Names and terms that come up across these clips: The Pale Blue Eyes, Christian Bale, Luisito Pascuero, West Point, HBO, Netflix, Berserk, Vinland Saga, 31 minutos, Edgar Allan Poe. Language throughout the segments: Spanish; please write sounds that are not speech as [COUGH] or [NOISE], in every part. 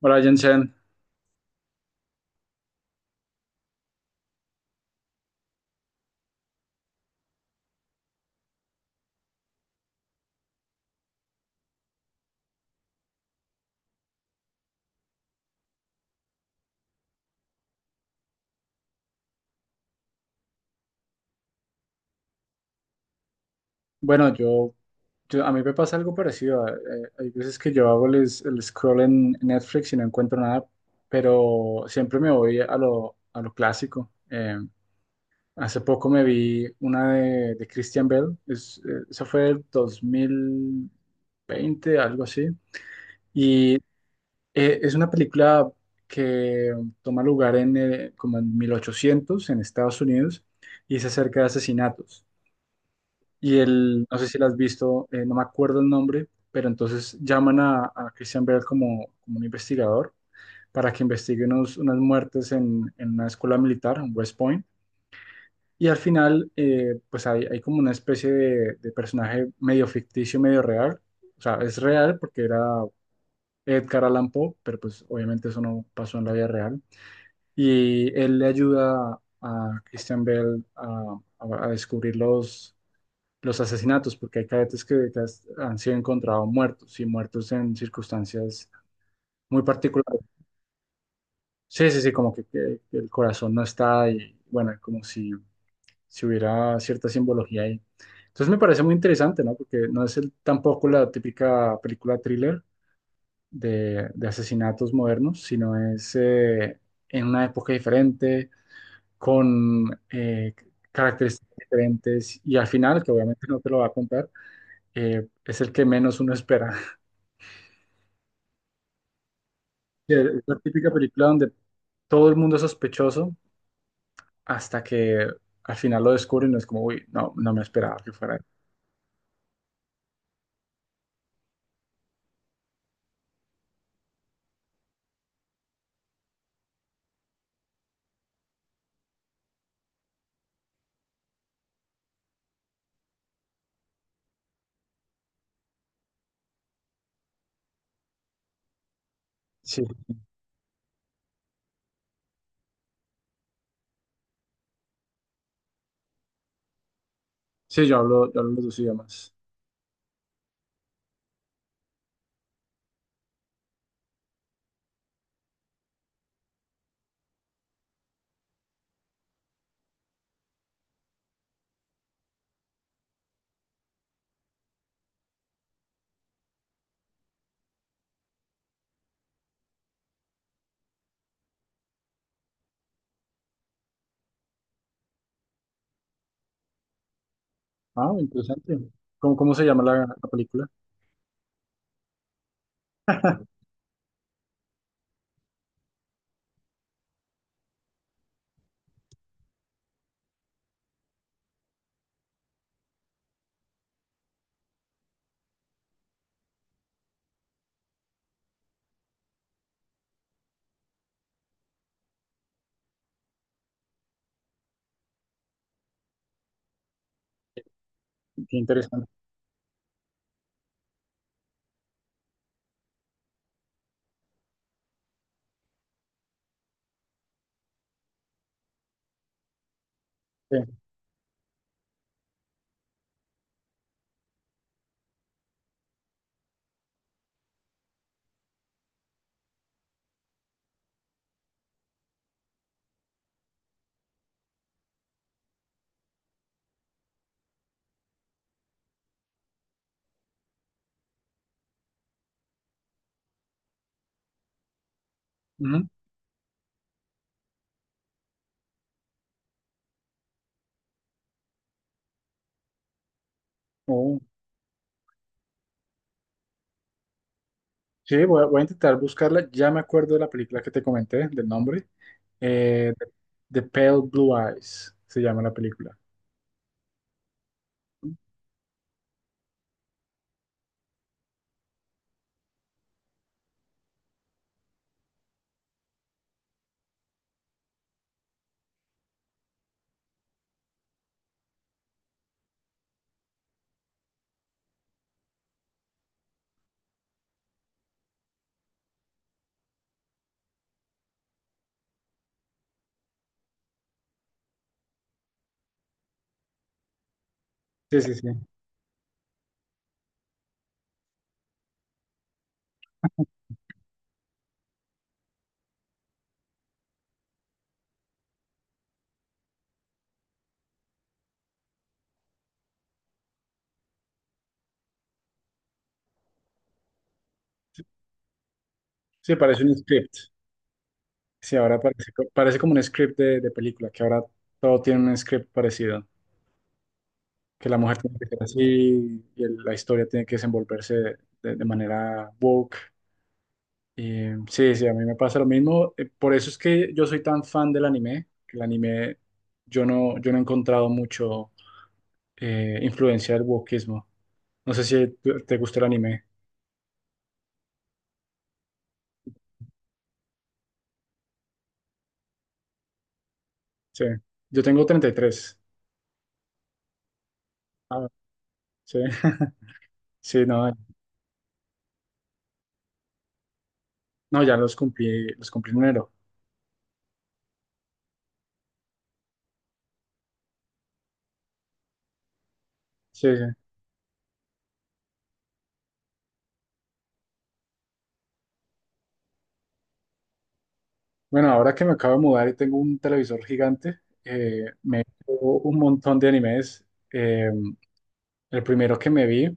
Hola Jensen, bueno, a mí me pasa algo parecido. Hay veces que yo hago el scroll en Netflix y no encuentro nada, pero siempre me voy a a lo clásico. Hace poco me vi una de Christian Bale. Esa fue el dos mil veinte, algo así. Y es una película que toma lugar como en 1800 en Estados Unidos y se acerca de asesinatos. Y él, no sé si la has visto, no me acuerdo el nombre, pero entonces llaman a Christian Bale como un investigador para que investigue unas muertes en una escuela militar, en West Point. Y al final, pues hay como una especie de personaje medio ficticio, medio real. O sea, es real porque era Edgar Allan Poe, pero pues obviamente eso no pasó en la vida real. Y él le ayuda a Christian Bale a descubrir los asesinatos, porque hay cadetes que han sido encontrados muertos y muertos en circunstancias muy particulares. Sí, sí, sí, como que el corazón no está y bueno, como si hubiera cierta simbología ahí. Entonces me parece muy interesante, ¿no? Porque no es el, tampoco la típica película thriller de asesinatos modernos, sino es en una época diferente, con características diferentes y al final, que obviamente no te lo va a contar, es el que menos uno espera. Sí, es la típica película donde todo el mundo es sospechoso hasta que al final lo descubren y no es como, uy, no, no me esperaba que fuera él. Sí, sí, yo hablo los dos idiomas. Ah, interesante. ¿ Cómo se llama la película? Qué Qué interesante. Sí. Ujú. Oh. Sí, voy a intentar buscarla. Ya me acuerdo de la película que te comenté, del nombre. Eh, The Pale Blue Eyes se llama la película. Sí, sí, sí. Sí, parece un script. Sí, ahora parece, parece como un script de película, que ahora todo tiene un script parecido, que la mujer tiene que ser así y la historia tiene que desenvolverse de manera woke. Y, sí, sí, a mí me pasa lo mismo. Por eso es que yo soy tan fan del anime, que el anime yo no he encontrado mucho influencia del wokeismo. No sé si te gusta el anime. Sí, yo tengo 33. Ah, sí, [LAUGHS] sí, no, no, ya los cumplí en enero. Sí, sí. Bueno, ahora que me acabo de mudar y tengo un televisor gigante, me he visto un montón de animes. Eh, el primero que me vi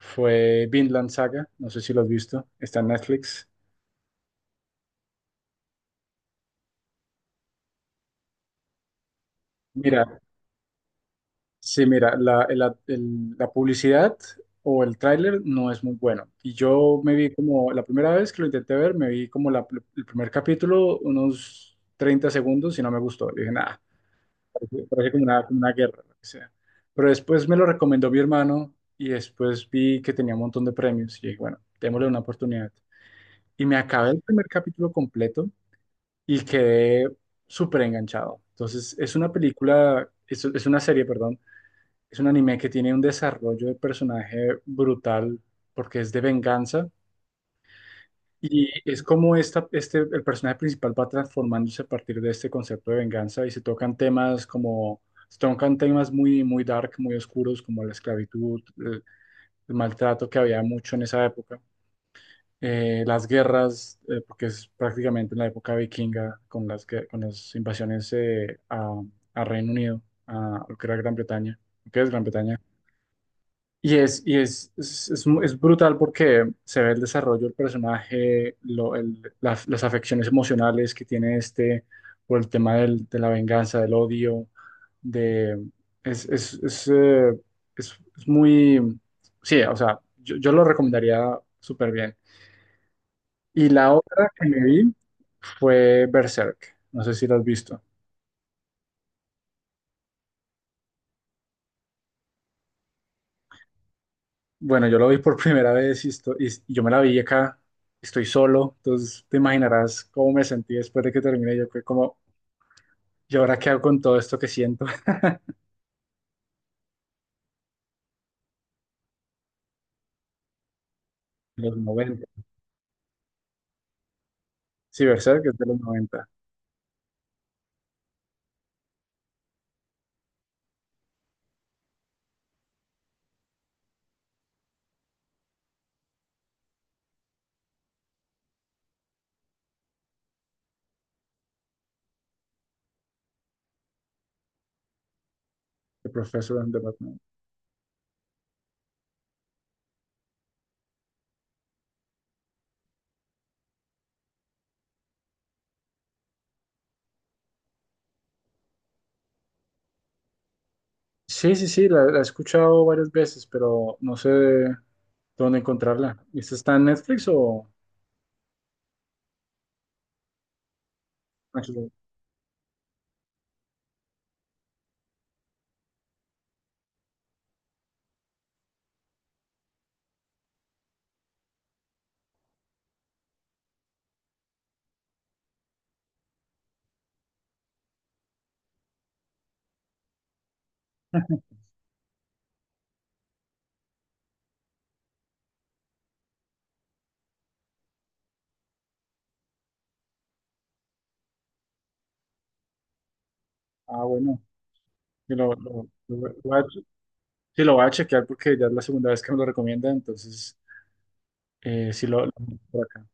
fue Vinland Saga, no sé si lo has visto, está en Netflix. Mira, sí, mira, la publicidad o el tráiler no es muy bueno. Y yo me vi como, la primera vez que lo intenté ver, me vi como el primer capítulo, unos 30 segundos y no me gustó. Dije, nada, parece como una guerra, lo que sea. Pero después me lo recomendó mi hermano y después vi que tenía un montón de premios y dije, bueno, démosle una oportunidad. Y me acabé el primer capítulo completo y quedé súper enganchado. Entonces, es una película, es una serie, perdón, es un anime que tiene un desarrollo de personaje brutal porque es de venganza y es como esta, este, el personaje principal va transformándose a partir de este concepto de venganza y se tocan temas como, se tocan temas muy, muy dark, muy oscuros, como la esclavitud, el maltrato que había mucho en esa época, las guerras, porque es prácticamente en la época vikinga con con las invasiones a Reino Unido, a lo que era Gran Bretaña, lo que es Gran Bretaña. Y es, es brutal porque se ve el desarrollo del personaje, las afecciones emocionales que tiene este por el tema de la venganza, del odio, de... es, es muy... Sí, o sea, yo lo recomendaría súper bien. Y la otra que me vi fue Berserk. No sé si la has visto. Bueno, yo lo vi por [LAUGHS] primera vez y yo me la vi acá, estoy solo, entonces te imaginarás cómo me sentí después de que terminé. Yo fue como, ¿y ahora qué hago con todo esto que siento? [LAUGHS] De los noventa, sí, Berserk es de los 90, de Professor and the Batman. Sí, sí, sí, la he escuchado varias veces, pero no sé dónde encontrarla. ¿Esta está en Netflix o...? HBO? [LAUGHS] Ah, bueno, sí lo, lo- lo voy a, sí, lo voy a chequear porque ya es la segunda vez que me lo recomienda, entonces eh, sí lo, lo- por acá.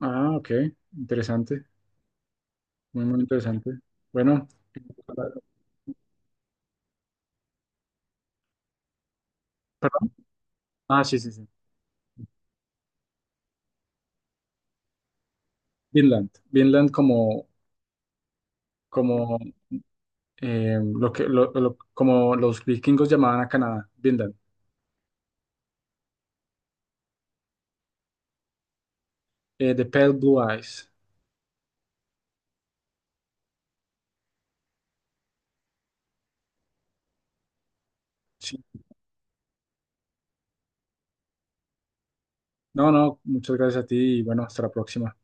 Ah, ok. Interesante. Muy, muy interesante. Bueno, perdón. Ah, sí, sí, sí. Vinland. Como, lo que, como los vikingos llamaban a Canadá. Vinland. The Pale Blue Eyes. Sí. No, no, muchas gracias a ti y bueno, hasta la próxima.